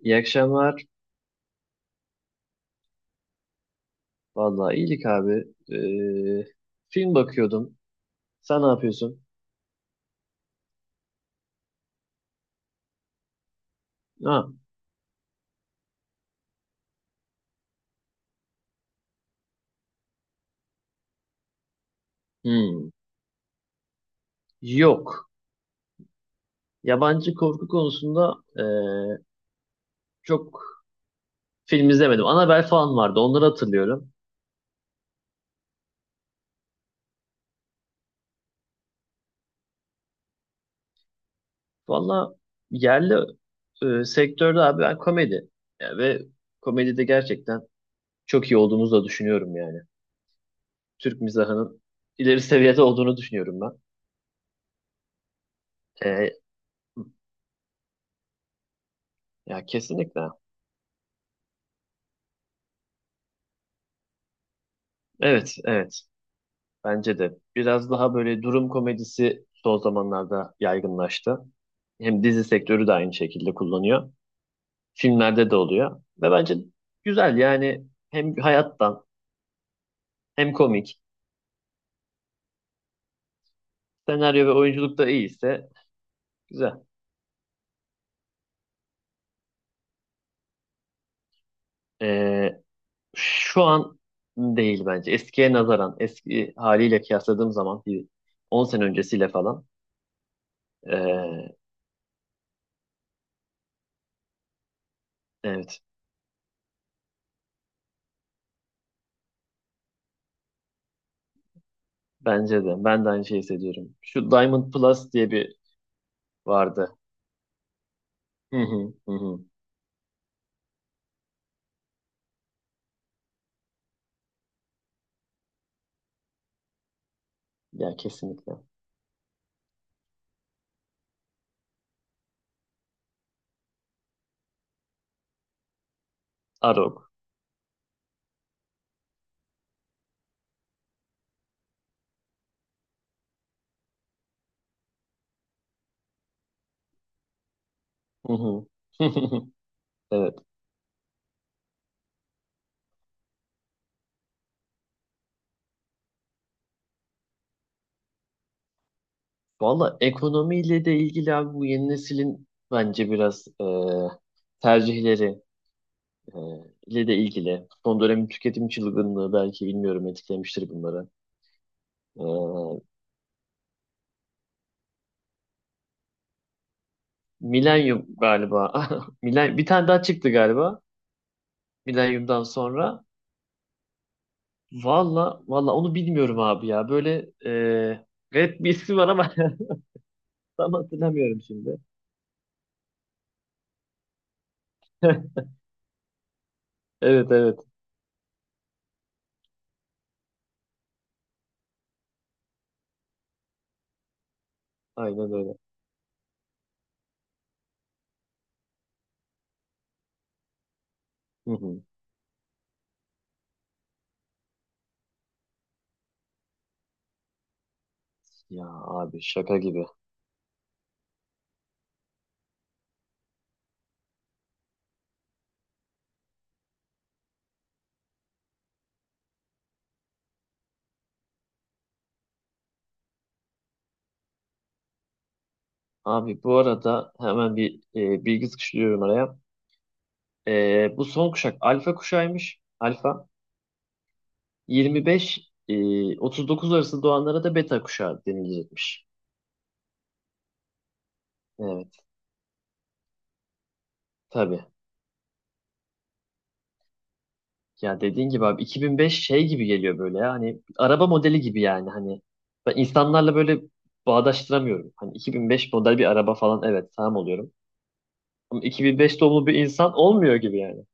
İyi akşamlar. Vallahi iyilik abi. Ee, film bakıyordum. Sen ne yapıyorsun? Ha. hmm, Yok. Yabancı korku konusunda çok film izlemedim. Annabelle falan vardı. Onları hatırlıyorum. Vallahi yerli sektörde abi ben komedi. Ya ve komedide gerçekten çok iyi olduğumuzu da düşünüyorum yani. Türk mizahının ileri seviyede olduğunu düşünüyorum ben. Ee, ya kesinlikle. Evet, evet. Bence de. Biraz daha böyle durum komedisi son zamanlarda yaygınlaştı. Hem dizi sektörü de aynı şekilde kullanıyor. Filmlerde de oluyor. Ve bence güzel yani hem hayattan hem komik. Senaryo ve oyunculuk da iyiyse güzel. Ee, şu an değil bence. Eskiye nazaran, eski haliyle kıyasladığım zaman bir 10 sene öncesiyle falan. ee, evet bence de. Ben de aynı şeyi hissediyorum. Şu Diamond Plus diye bir vardı. Hı hı hı. Hı. Ya kesinlikle. Arog. Hı hı. Evet. Valla ekonomiyle de ilgili abi bu yeni neslin bence biraz tercihleri e, ile de ilgili. Son dönemin tüketim çılgınlığı belki bilmiyorum etkilemiştir bunları. E, Milenyum galiba. Milen bir tane daha çıktı galiba. Milenyum'dan sonra. Valla valla onu bilmiyorum abi ya. Böyle garip bir ismi var ama tam hatırlamıyorum şimdi. Evet evet. Aynen öyle. Hı hı. Ya abi şaka gibi. Abi bu arada hemen bir bilgi sıkıştırıyorum araya. Bu son kuşak alfa kuşağıymış. Alfa 25 39 arası doğanlara da beta kuşağı denilecekmiş. Evet tabii. Ya dediğin gibi abi 2005 şey gibi geliyor böyle ya hani araba modeli gibi yani hani ben insanlarla böyle bağdaştıramıyorum. Hani 2005 model bir araba falan evet tamam oluyorum. Ama 2005 doğumlu bir insan olmuyor gibi yani.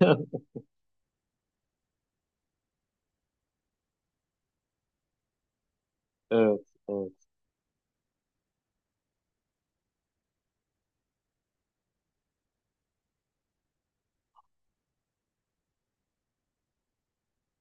Evet, evet.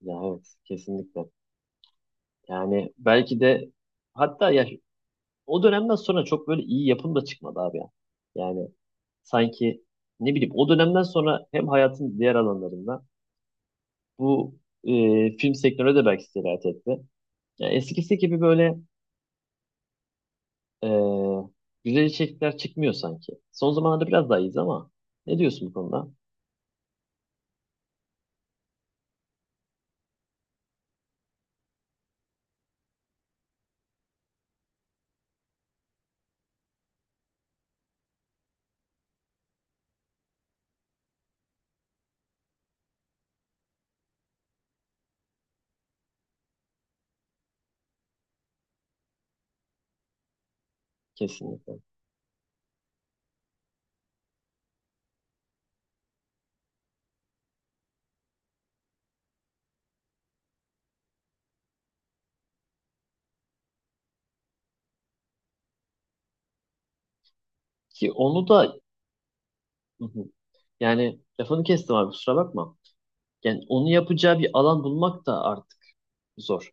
Ya evet kesinlikle. Yani belki de hatta ya o dönemden sonra çok böyle iyi yapım da çıkmadı abi ya. Yani sanki ne bileyim o dönemden sonra hem hayatın diğer alanlarında bu film sektörüne de belki sirayet etti. Yani eskisi gibi böyle e, güzel içerikler çıkmıyor sanki. Son zamanlarda biraz daha iyiyiz ama ne diyorsun bu konuda? Kesinlikle. Ki onu da hı hı, yani lafını kestim abi kusura bakma. Yani onu yapacağı bir alan bulmak da artık zor.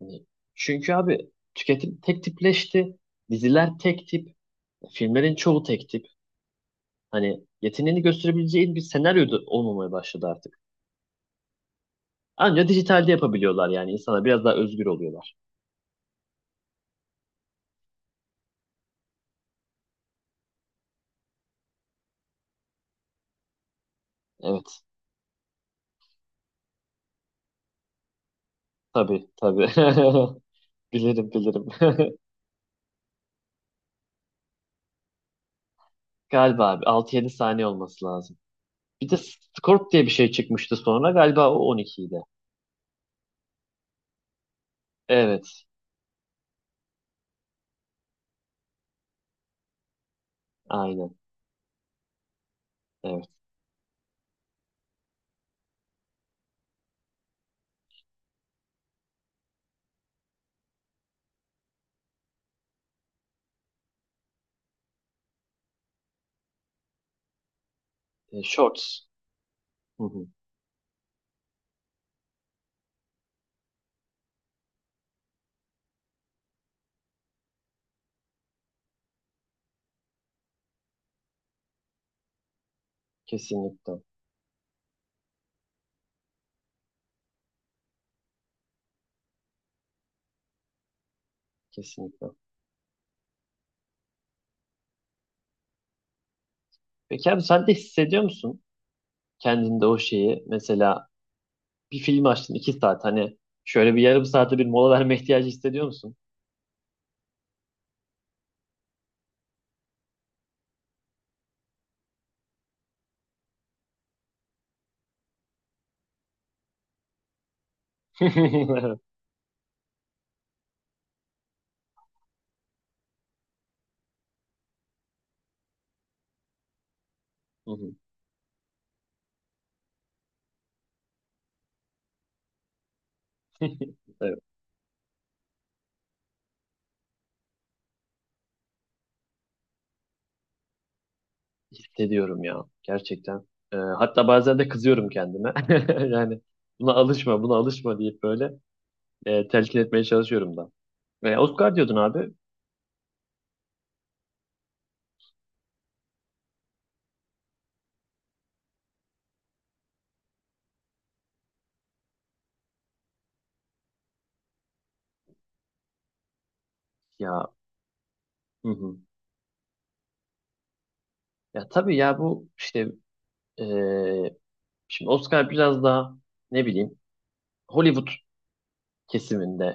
Hani çünkü abi tüketim tek tipleşti. Diziler tek tip. Filmlerin çoğu tek tip. Hani yeteneğini gösterebileceğin bir senaryo da olmamaya başladı artık. Ancak dijitalde yapabiliyorlar yani. İnsana biraz daha özgür oluyorlar. Evet. Tabii tabii. Bilirim bilirim. Galiba abi altı yedi saniye olması lazım. Bir de Scorp diye bir şey çıkmıştı sonra. Galiba o 12'ydi. Evet. Aynen. Evet. E, Shorts. Hı hı. Kesinlikle. Kesinlikle. Peki abi sen de hissediyor musun? Kendinde o şeyi mesela bir film açtın iki saat hani şöyle bir yarım saate bir mola verme ihtiyacı hissediyor musun? Hı hı. Evet, hissediyorum ya gerçekten. Hatta bazen de kızıyorum kendime. Yani buna alışma, buna alışma deyip böyle telkin etmeye çalışıyorum da. Ve Oscar diyordun abi. Ya hı hı. Ya tabii ya bu işte e, şimdi Oscar biraz daha ne bileyim Hollywood kesiminde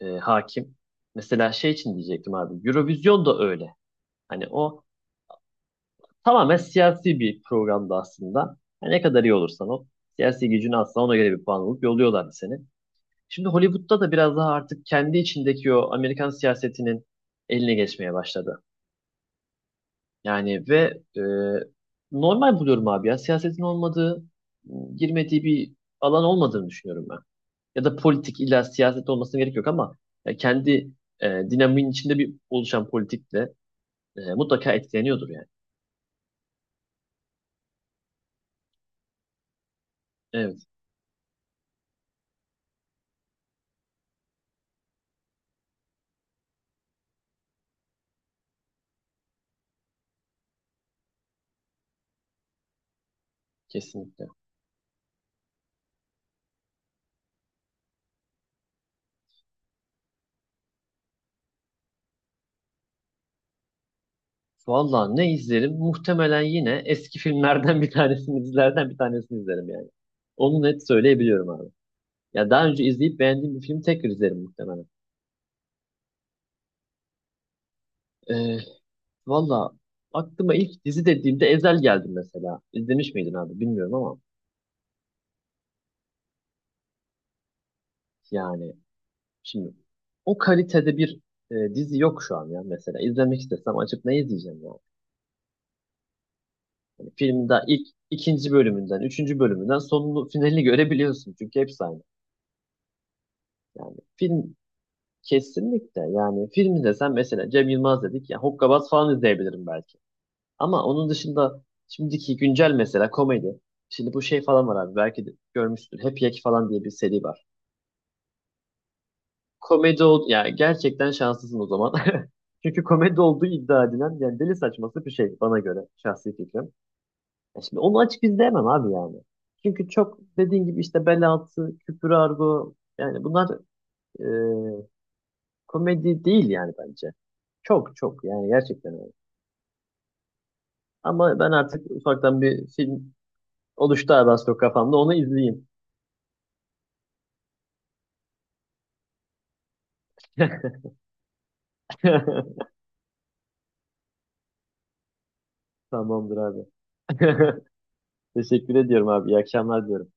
hakim. Mesela şey için diyecektim abi. Eurovision da öyle. Hani o tamamen siyasi bir programdı aslında. Hani ne kadar iyi olursan ol. Siyasi gücünü atsan ona göre bir puan alıp yolluyorlardı seni. Şimdi Hollywood'da da biraz daha artık kendi içindeki o Amerikan siyasetinin eline geçmeye başladı. Yani ve normal buluyorum abi ya. Siyasetin olmadığı, girmediği bir alan olmadığını düşünüyorum ben. Ya da politik illa siyaset olmasına gerek yok ama kendi dinamiğin içinde bir oluşan politikle mutlaka etkileniyordur yani. Evet, kesinlikle. Vallahi ne izlerim? Muhtemelen yine eski filmlerden bir tanesini, dizilerden bir tanesini izlerim yani. Onu net söyleyebiliyorum abi. Ya daha önce izleyip beğendiğim bir filmi tekrar izlerim muhtemelen. Ee, valla aklıma ilk dizi dediğimde Ezel geldi mesela. İzlemiş miydin abi bilmiyorum ama yani şimdi o kalitede bir dizi yok şu an ya mesela. İzlemek istesem açıp ne izleyeceğim ya? Hani filmin daha ilk ikinci bölümünden, üçüncü bölümünden sonunu, finalini görebiliyorsun. Çünkü hepsi aynı. Yani film kesinlikle yani film desem mesela Cem Yılmaz dedik ya Hokkabaz falan izleyebilirim belki. Ama onun dışında şimdiki güncel mesela komedi. Şimdi bu şey falan var abi belki de görmüşsün. Happy Jack falan diye bir seri var. Komedi ol yani gerçekten şanslısın o zaman. Çünkü komedi olduğu iddia edilen yani deli saçması bir şey bana göre şahsi fikrim. Ya şimdi onu açık izleyemem abi yani. Çünkü çok dediğin gibi işte bel altı, küfür argo yani bunlar e, komedi değil yani bence. Çok çok yani gerçekten öyle. Ama ben artık ufaktan bir film oluştu abi az çok kafamda onu izleyeyim. Tamamdır abi. Teşekkür ediyorum abi. İyi akşamlar diyorum.